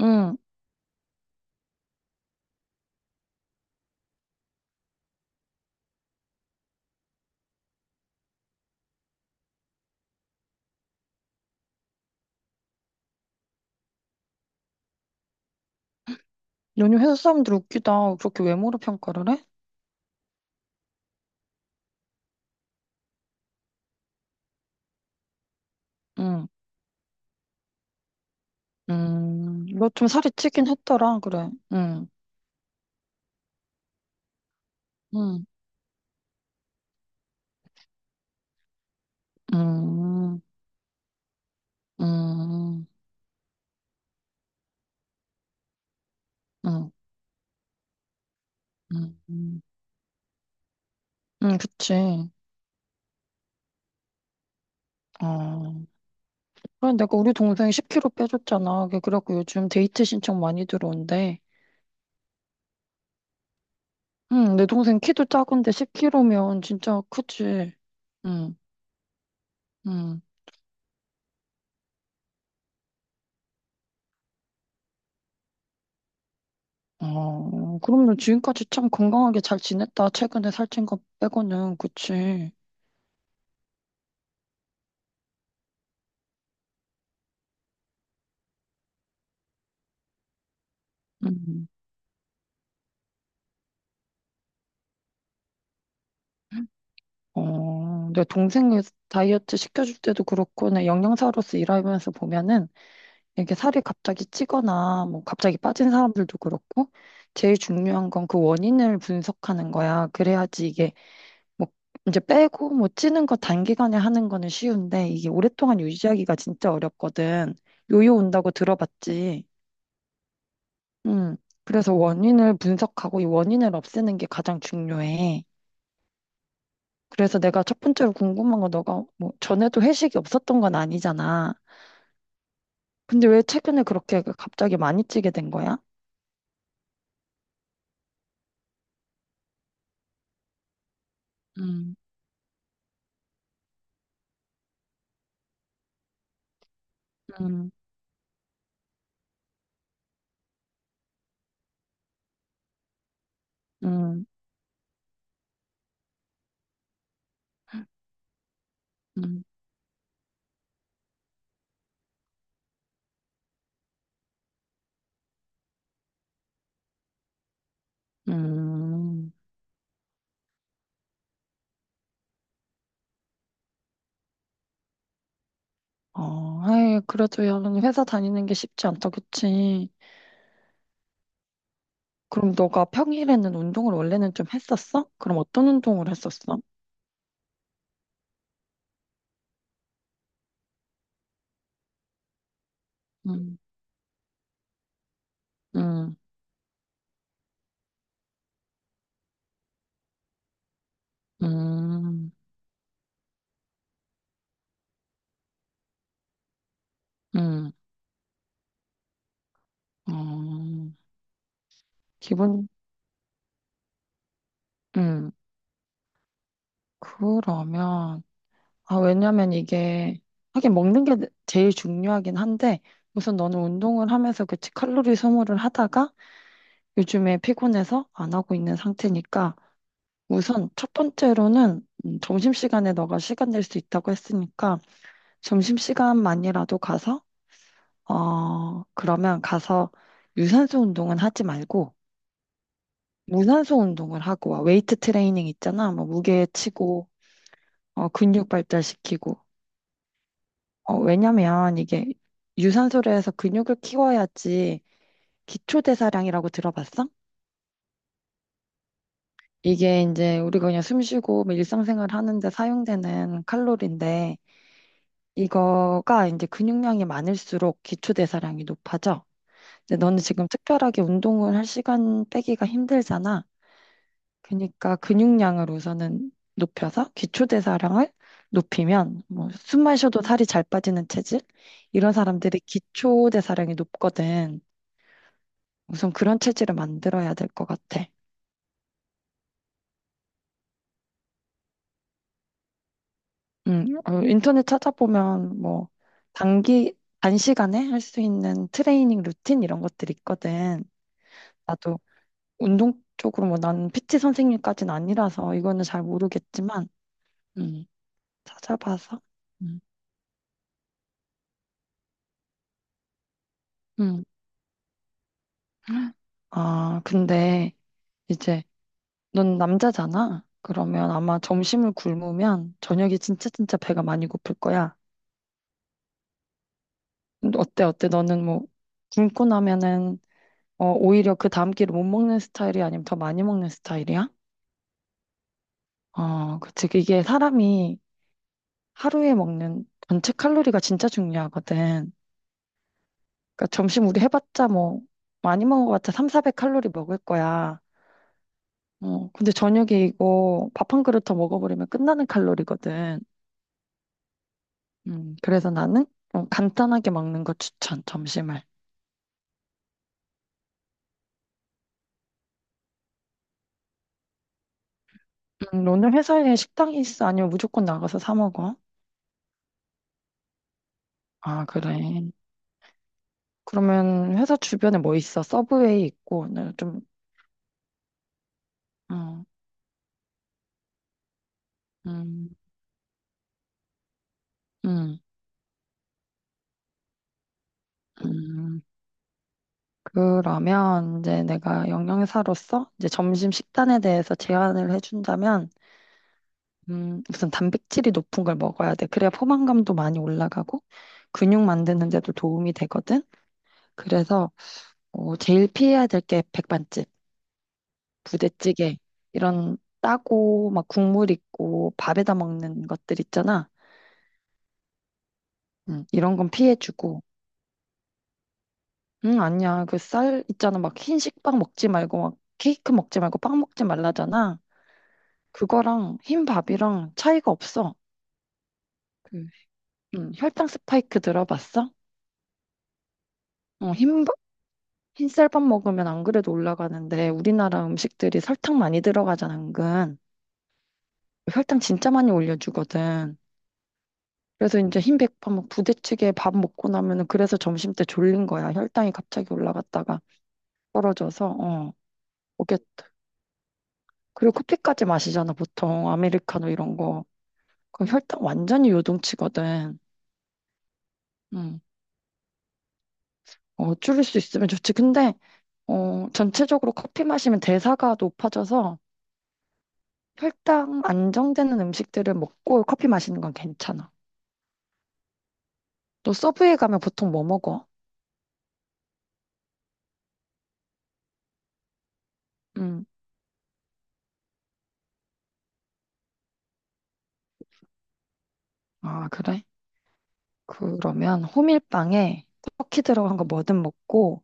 응. 너네 회사 사람들 웃기다. 그렇게 외모로 평가를 해? 응. 너 좀 살이 찌긴 했더라. 그래. 응. 응. 음, 응 응 응 응 그치. 어. 그래, 내가 우리 동생이 10kg 빼줬잖아. 그래 그래갖고 요즘 데이트 신청 많이 들어온대. 응, 내 동생 키도 작은데 10kg면 진짜 크지. 응, 응. 어, 그럼 너 지금까지 참 건강하게 잘 지냈다. 최근에 살찐 거 빼고는. 그치. 응. 어, 내 동생이 다이어트 시켜줄 때도 그렇고, 내 영양사로서 일하면서 보면은, 이게 살이 갑자기 찌거나, 뭐, 갑자기 빠진 사람들도 그렇고, 제일 중요한 건 그 원인을 분석하는 거야. 그래야지 이게, 뭐, 이제 빼고, 뭐, 찌는 거 단기간에 하는 거는 쉬운데, 이게 오랫동안 유지하기가 진짜 어렵거든. 요요 온다고 들어봤지. 음, 그래서 원인을 분석하고, 이 원인을 없애는 게 가장 중요해. 그래서 내가 첫 번째로 궁금한 건 너가 뭐 전에도 회식이 없었던 건 아니잖아. 근데 왜 최근에 그렇게 그 갑자기 많이 찌게 된 거야? 음, 음, 음, 음. 음, 어, 아이, 그래도 야, 너는 회사 다니는 게 쉽지 않다, 그치? 그럼 너가 평일에는 운동을 원래는 좀 했었어? 그럼 어떤 운동을 했었어? 음. 음, 음, 음, 어, 기본, 음, 그러면, 아, 왜냐면 이게, 하긴 먹는 게 제일 중요하긴 한데, 우선 너는 운동을 하면서 그치, 칼로리 소모를 하다가 요즘에 피곤해서 안 하고 있는 상태니까, 우선 첫 번째로는 점심시간에 너가 시간 낼 수 있다고 했으니까, 점심시간만이라도 가서, 어, 그러면 가서 유산소 운동은 하지 말고, 무산소 운동을 하고 와. 웨이트 트레이닝 있잖아. 뭐 무게 치고, 어, 근육 발달시키고. 어, 왜냐면 이게 유산소를 해서 근육을 키워야지 기초대사량이라고 들어봤어? 이게 이제 우리가 그냥 숨 쉬고 뭐 일상생활 하는데 사용되는 칼로리인데 이거가 이제 근육량이 많을수록 기초대사량이 높아져. 근데 너는 지금 특별하게 운동을 할 시간 빼기가 힘들잖아. 그러니까 근육량을 우선은 높여서 기초대사량을 높이면 뭐 숨만 쉬어도 살이 잘 빠지는 체질 이런 사람들이 기초대사량이 높거든. 우선 그런 체질을 만들어야 될 것 같아. 어, 인터넷 찾아보면 뭐 단기 단시간에 할 수 있는 트레이닝 루틴 이런 것들이 있거든. 나도 운동 쪽으로 뭐 나는 PT 선생님까지는 아니라서 이거는 잘 모르겠지만 음, 찾아봐서 음, 음. 아, 근데 이제 넌 남자잖아. 그러면 아마 점심을 굶으면 저녁에 진짜 진짜 배가 많이 고플 거야. 근데 어때 어때? 너는 뭐 굶고 나면은 어, 오히려 그 다음 끼를 못 먹는 스타일이 아니면 더 많이 먹는 스타일이야? 어, 그치. 이게 사람이 하루에 먹는 전체 칼로리가 진짜 중요하거든. 그러니까 점심 우리 해봤자 뭐 많이 먹은 것 같아. 3, 400칼로리 먹을 거야. 어, 근데 저녁에 이거 밥 한 그릇 더 먹어버리면 끝나는 칼로리거든. 그래서 나는 어, 간단하게 먹는 거 추천, 점심을. 오늘 회사에 식당이 있어? 아니면 무조건 나가서 사 먹어? 아, 그래. 그러면 회사 주변에 뭐 있어? 서브웨이 있고, 나좀 음, 음, 음, 음. 그러면 이제 내가 영양사로서 이제 점심 식단에 대해서 제안을 해준다면, 우선 단백질이 높은 걸 먹어야 돼. 그래야 포만감도 많이 올라가고 근육 만드는 데도 도움이 되거든. 그래서 어, 제일 피해야 될 게 백반집, 부대찌개 이런 따고 막 국물 있고 밥에다 먹는 것들 있잖아. 이런 건 피해주고. 응, 아니야. 그 쌀 있잖아. 막 흰식 빵 먹지 말고, 막 케이크 먹지 말고 빵 먹지 말라잖아. 그거랑 흰 밥이랑 차이가 없어. 그, 응, 혈당 스파이크 들어봤어? 어, 흰쌀밥 먹으면 안 그래도 올라가는데, 우리나라 음식들이 설탕 많이 들어가잖아, 은근. 혈당 진짜 많이 올려주거든. 그래서 이제 흰백밥, 막 부대찌개 밥 먹고 나면은 그래서 점심 때 졸린 거야. 혈당이 갑자기 올라갔다가 떨어져서, 어. 오게 그리고 커피까지 마시잖아, 보통. 아메리카노 이런 거. 그 혈당 완전히 요동치거든. 음. 어, 줄일 수 있으면 좋지. 근데 어, 전체적으로 커피 마시면 대사가 높아져서 혈당 안정되는 음식들을 먹고 커피 마시는 건 괜찮아. 너 서브웨이 가면 보통 뭐 먹어? 음. 아, 그래? 그러면 호밀빵에 터키 들어간 거 뭐든 먹고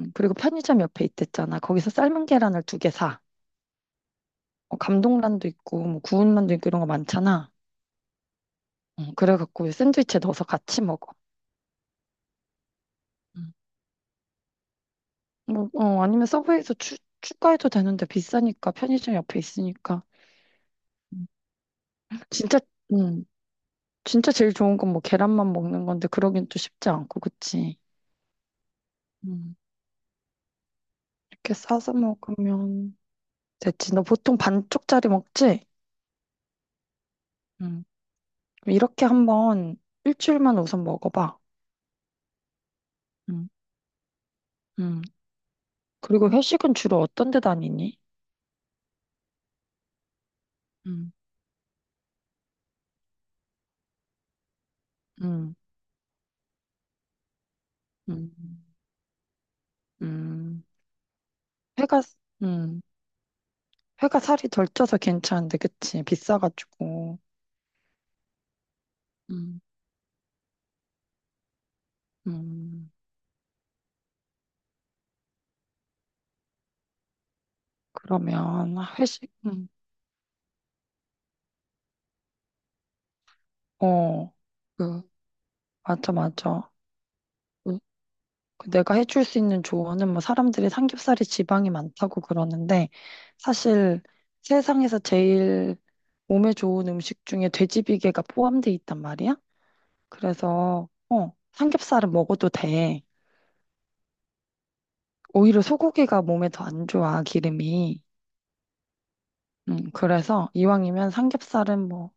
그리고 편의점 옆에 있댔잖아. 거기서 삶은 계란을 두 개 사. 어, 감동란도 있고 뭐 구운란도 있고 이런 거 많잖아. 그래갖고 샌드위치에 넣어서 같이 먹어. 응. 뭐, 어, 아니면 서브웨이에서 추가해도 되는데 비싸니까 편의점 옆에 있으니까. 음. 진짜, 음, 진짜 제일 좋은 건 뭐 계란만 먹는 건데 그러긴 또 쉽지 않고, 그치? 음, 이렇게 싸서 먹으면 됐지. 너 보통 반쪽짜리 먹지? 음, 그럼 이렇게 한번 일주일만 우선 먹어봐. 음, 음. 그리고 회식은 주로 어떤 데 다니니? 음, 음, 음, 음. 회가, 음, 회가 살이 덜 쪄서 괜찮은데, 그치? 비싸가지고. 음. 음, 그러면 회식, 어, 그, 맞아, 맞아. 그, 내가 해줄 수 있는 조언은 뭐 사람들이 삼겹살에 지방이 많다고 그러는데 사실 세상에서 제일 몸에 좋은 음식 중에 돼지비계가 포함돼 있단 말이야. 그래서, 어, 삼겹살은 먹어도 돼. 오히려 소고기가 몸에 더 안 좋아, 기름이. 그래서 이왕이면 삼겹살은 뭐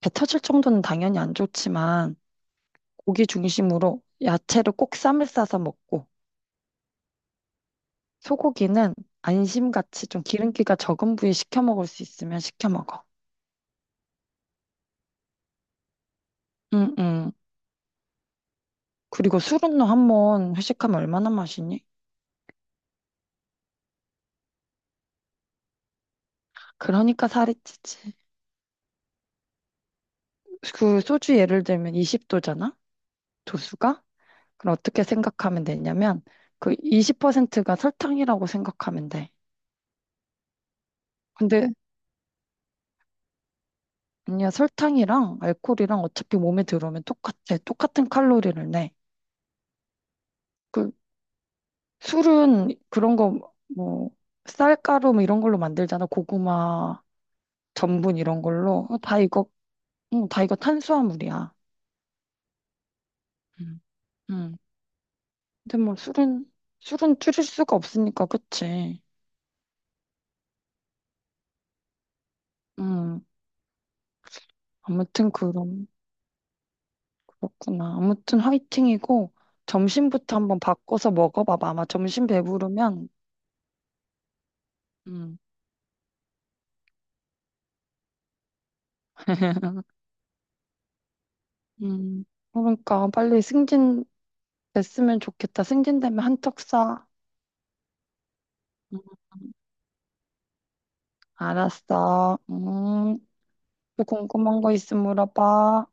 배 터질 정도는 당연히 안 좋지만 고기 중심으로 야채를 꼭 쌈을 싸서 먹고 소고기는 안심같이 좀 기름기가 적은 부위 시켜 먹을 수 있으면 시켜 먹어. 응, 응. 그리고 술은 너 한번 회식하면 얼마나 마시니? 그러니까 살이 찌지. 그 소주 예를 들면 20도잖아? 도수가? 그럼 어떻게 생각하면 되냐면 그 20%가 설탕이라고 생각하면 돼. 근데 아니야 설탕이랑 알코올이랑 어차피 몸에 들어오면 똑같아. 똑같은 칼로리를 내. 그 술은 그런 거, 뭐, 쌀가루 뭐 이런 걸로 만들잖아. 고구마, 전분 이런 걸로. 어, 다 이거, 응, 다 이거 탄수화물이야. 음. 응. 근데 뭐 술은 줄일 수가 없으니까, 그치? 응. 아무튼 그럼, 그렇구나. 아무튼 화이팅이고, 점심부터 한번 바꿔서 먹어봐봐. 아마 점심 배부르면, 응. 음, 그러니까 빨리 승진 됐으면 좋겠다. 승진되면 한턱 쏴. 음. 알았어. 또 궁금한 거 있으면 물어봐.